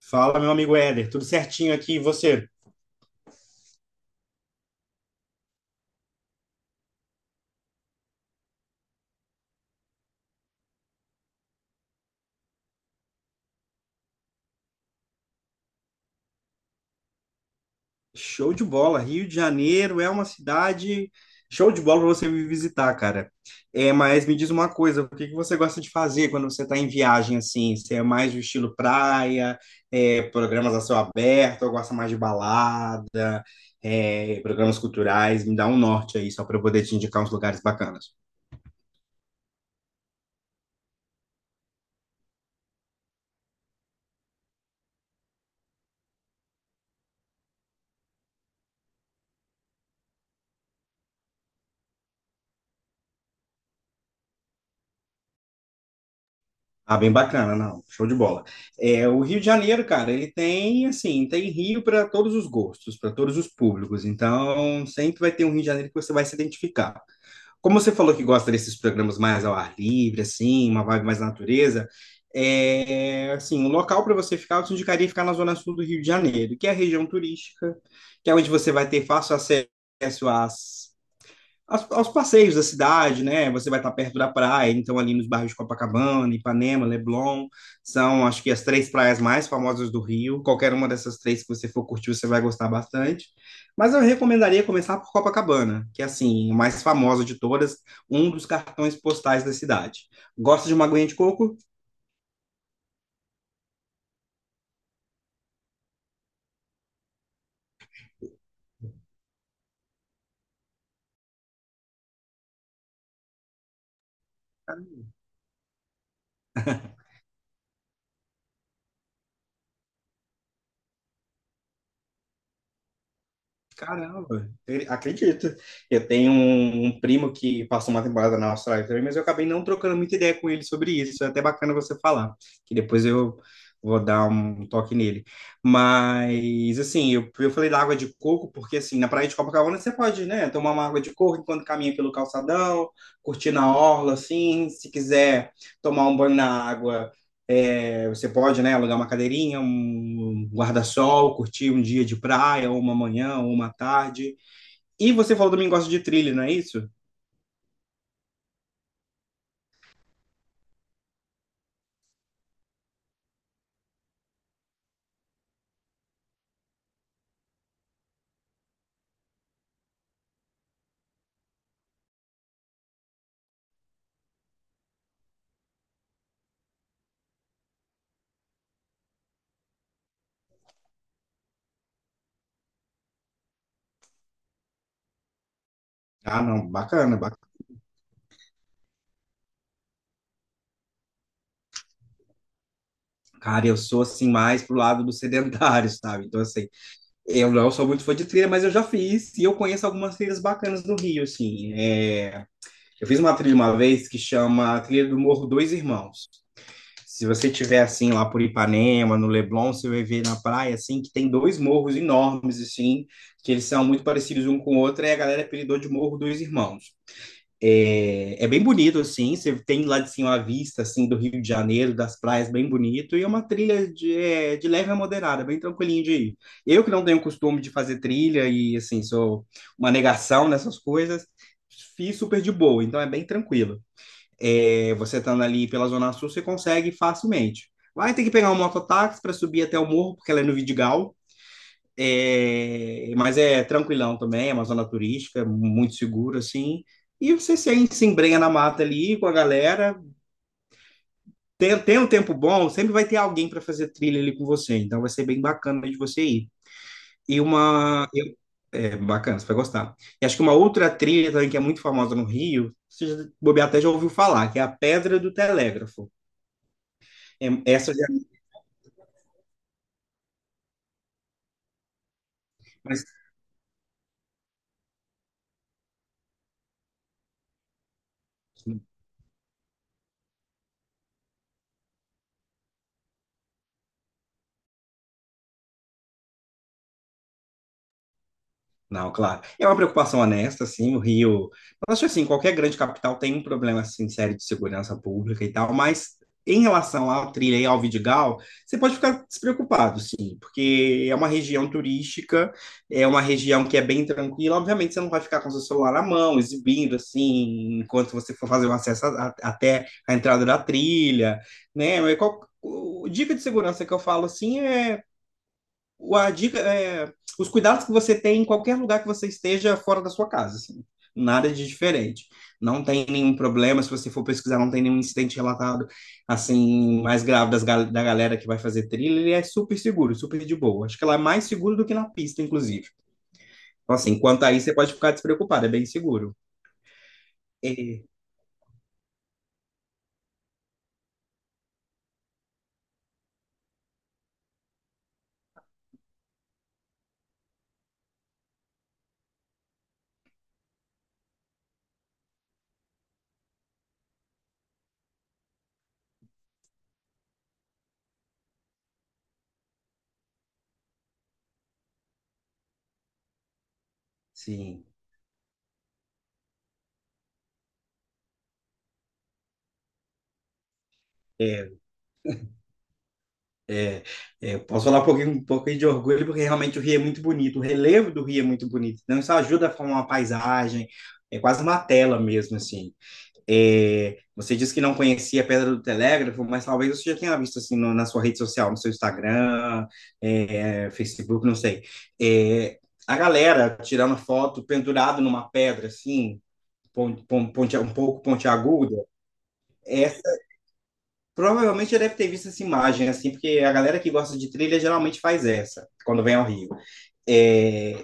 Fala, meu amigo Éder, tudo certinho aqui e você? Show de bola. Rio de Janeiro é uma cidade show de bola para você vir visitar, cara. É, mas me diz uma coisa, o que que você gosta de fazer quando você está em viagem assim? Você é mais do estilo praia, é, programas a céu aberto, ou gosta mais de balada, é, programas culturais? Me dá um norte aí, só para eu poder te indicar uns lugares bacanas. Ah, bem bacana, não. Show de bola. O Rio de Janeiro, cara, ele tem, assim, tem Rio para todos os gostos, para todos os públicos. Então, sempre vai ter um Rio de Janeiro que você vai se identificar. Como você falou que gosta desses programas mais ao ar livre, assim, uma vibe mais natureza, é, assim, um local para você ficar, eu te indicaria ficar na zona sul do Rio de Janeiro, que é a região turística, que é onde você vai ter fácil acesso às aos passeios da cidade, né? Você vai estar perto da praia, então ali nos bairros de Copacabana, Ipanema, Leblon, são acho que as três praias mais famosas do Rio. Qualquer uma dessas três que você for curtir, você vai gostar bastante. Mas eu recomendaria começar por Copacabana, que é assim, a mais famosa de todas, um dos cartões postais da cidade. Gosta de uma aguinha de coco? Caramba, eu acredito. Eu tenho um, primo que passou uma temporada na Austrália também, mas eu acabei não trocando muita ideia com ele sobre isso. É até bacana você falar, que depois eu vou dar um toque nele. Mas, assim, eu falei da água de coco, porque, assim, na praia de Copacabana você pode, né, tomar uma água de coco enquanto caminha pelo calçadão, curtir na orla, assim, se quiser tomar um banho na água, você pode, né, alugar uma cadeirinha, um guarda-sol, curtir um dia de praia, ou uma manhã, ou uma tarde. E você falou também que gosta de trilha, não é isso? Ah, não, bacana, bacana. Cara, eu sou assim mais pro lado do sedentário, sabe? Então, assim, eu não sou muito fã de trilha, mas eu já fiz e eu conheço algumas trilhas bacanas no Rio, assim. É, Eu fiz uma trilha uma vez que chama Trilha do Morro Dois Irmãos. Se você tiver assim lá por Ipanema, no Leblon, você vai ver na praia assim que tem dois morros enormes assim, que eles são muito parecidos um com o outro, e a galera apelidou de Morro dos Irmãos. É, é bem bonito assim, você tem lá de cima a vista assim do Rio de Janeiro, das praias, bem bonito, e é uma trilha de, é, de leve a moderada, bem tranquilinho de ir. Eu que não tenho costume de fazer trilha e assim, sou uma negação nessas coisas, fiz super de boa, então é bem tranquilo. É, você estando ali pela Zona Sul, você consegue facilmente. Vai ter que pegar um mototáxi para subir até o morro, porque ela é no Vidigal. É, mas é tranquilão também, é uma zona turística, muito seguro, assim. E você se embrenha na mata ali com a galera. Tem, tem um tempo bom, sempre vai ter alguém para fazer trilha ali com você. Então vai ser bem bacana de você ir. E uma. eu- É bacana, você vai gostar. E acho que uma outra trilha também que é muito famosa no Rio, você já, bobear até já ouviu falar, que é a Pedra do Telégrafo. É, essa já. Mas, não, claro. É uma preocupação honesta, assim, o Rio. Eu acho assim, qualquer grande capital tem um problema assim, sério de segurança pública e tal, mas em relação ao Trilha e ao Vidigal, você pode ficar despreocupado, sim, porque é uma região turística, é uma região que é bem tranquila. Obviamente, você não vai ficar com seu celular na mão, exibindo, assim, enquanto você for fazer o acesso até a entrada da trilha, né? Mas dica de segurança que eu falo, assim, é a dica é os cuidados que você tem em qualquer lugar que você esteja fora da sua casa, assim. Nada de diferente. Não tem nenhum problema, se você for pesquisar, não tem nenhum incidente relatado, assim, mais grave da galera que vai fazer trilha, ele é super seguro, super de boa. Acho que ela é mais seguro do que na pista, inclusive. Então, assim, quanto a isso, você pode ficar despreocupado, é bem seguro. É, sim. É, Eu posso falar um pouquinho de orgulho, porque realmente o Rio é muito bonito, o relevo do Rio é muito bonito. Então, isso ajuda a formar uma paisagem, é quase uma tela mesmo, assim. É, você disse que não conhecia a Pedra do Telégrafo, mas talvez você já tenha visto, assim, na sua rede social, no seu Instagram, é, Facebook, não sei. É, a galera tirando foto pendurado numa pedra, assim, um pouco pontiaguda, é provavelmente já deve ter visto essa imagem, assim, porque a galera que gosta de trilha geralmente faz essa, quando vem ao Rio. É,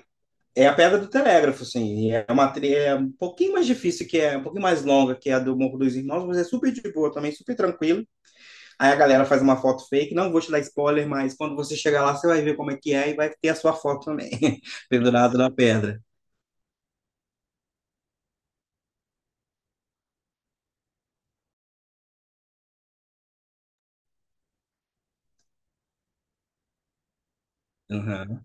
é a Pedra do Telégrafo, assim, é uma trilha um pouquinho mais difícil, que é um pouquinho mais longa que é a do Morro dos Irmãos, mas é super de boa também, super tranquilo. Aí a galera faz uma foto fake, não vou te dar spoiler, mas quando você chegar lá, você vai ver como é que é e vai ter a sua foto também, pendurada na pedra. Uhum.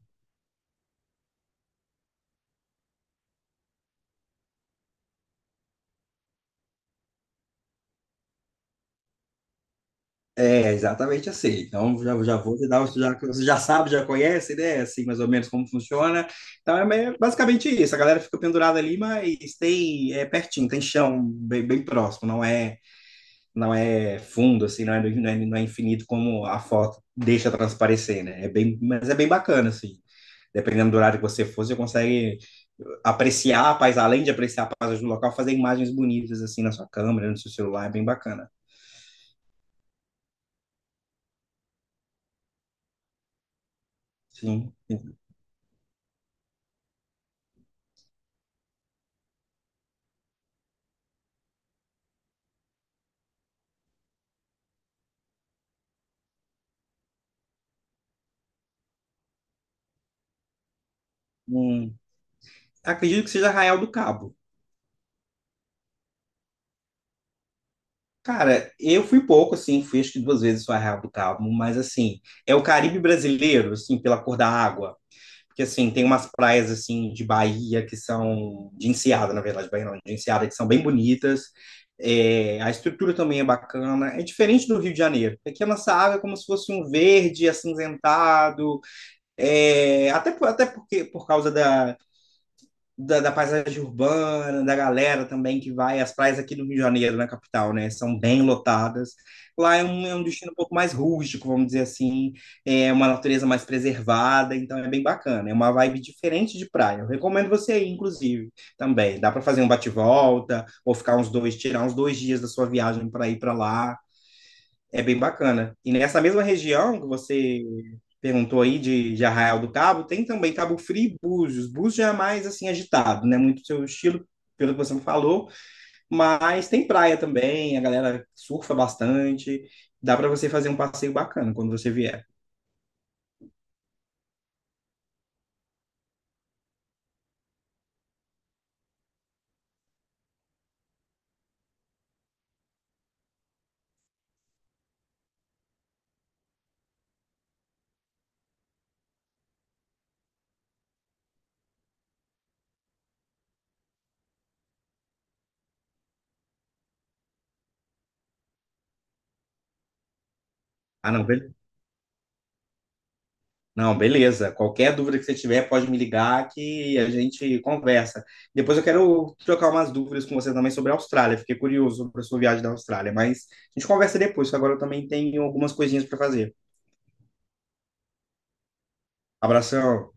É, exatamente assim. Então, já, já vou te dar, o já, você já sabe, já conhece, né? Assim, mais ou menos como funciona. Então, basicamente isso. A galera fica pendurada ali, mas tem, é pertinho, tem chão bem, bem próximo. Não é, não é fundo, assim, não é infinito como a foto deixa transparecer, né? É bem, mas é bem bacana, assim. Dependendo do horário que você for, você consegue apreciar a paisagem, além de apreciar a paisagem do local, fazer imagens bonitas, assim, na sua câmera, no seu celular. É bem bacana. Sim. Hum. Acredito que seja Arraial do Cabo. Cara, eu fui pouco, assim, fui acho que duas vezes só Arraial do Cabo, mas assim, é o Caribe brasileiro, assim, pela cor da água. Porque assim, tem umas praias assim de Bahia que são de Enseada, na verdade, Bahia não, de Enseada, que são bem bonitas. É, a estrutura também é bacana, é diferente do Rio de Janeiro. Aqui a nossa água é como se fosse um verde acinzentado, até porque por causa da paisagem urbana, da galera também que vai. As praias aqui do Rio de Janeiro, na capital, né, são bem lotadas. Lá é um destino um pouco mais rústico, vamos dizer assim, é uma natureza mais preservada, então é bem bacana. É uma vibe diferente de praia. Eu recomendo você ir, inclusive, também. Dá para fazer um bate-volta, ou ficar uns dois, tirar uns dois dias da sua viagem para ir para lá. É bem bacana. E nessa mesma região que você perguntou aí de Arraial do Cabo, tem também Cabo Frio e Búzios. Búzios já é mais assim agitado, né? Muito seu estilo, pelo que você me falou, mas tem praia também, a galera surfa bastante. Dá para você fazer um passeio bacana quando você vier. Ah, não, não, beleza. Qualquer dúvida que você tiver, pode me ligar que a gente conversa. Depois eu quero trocar umas dúvidas com você também sobre a Austrália. Fiquei curioso sobre a sua viagem da Austrália, mas a gente conversa depois, que agora eu também tenho algumas coisinhas para fazer. Abração.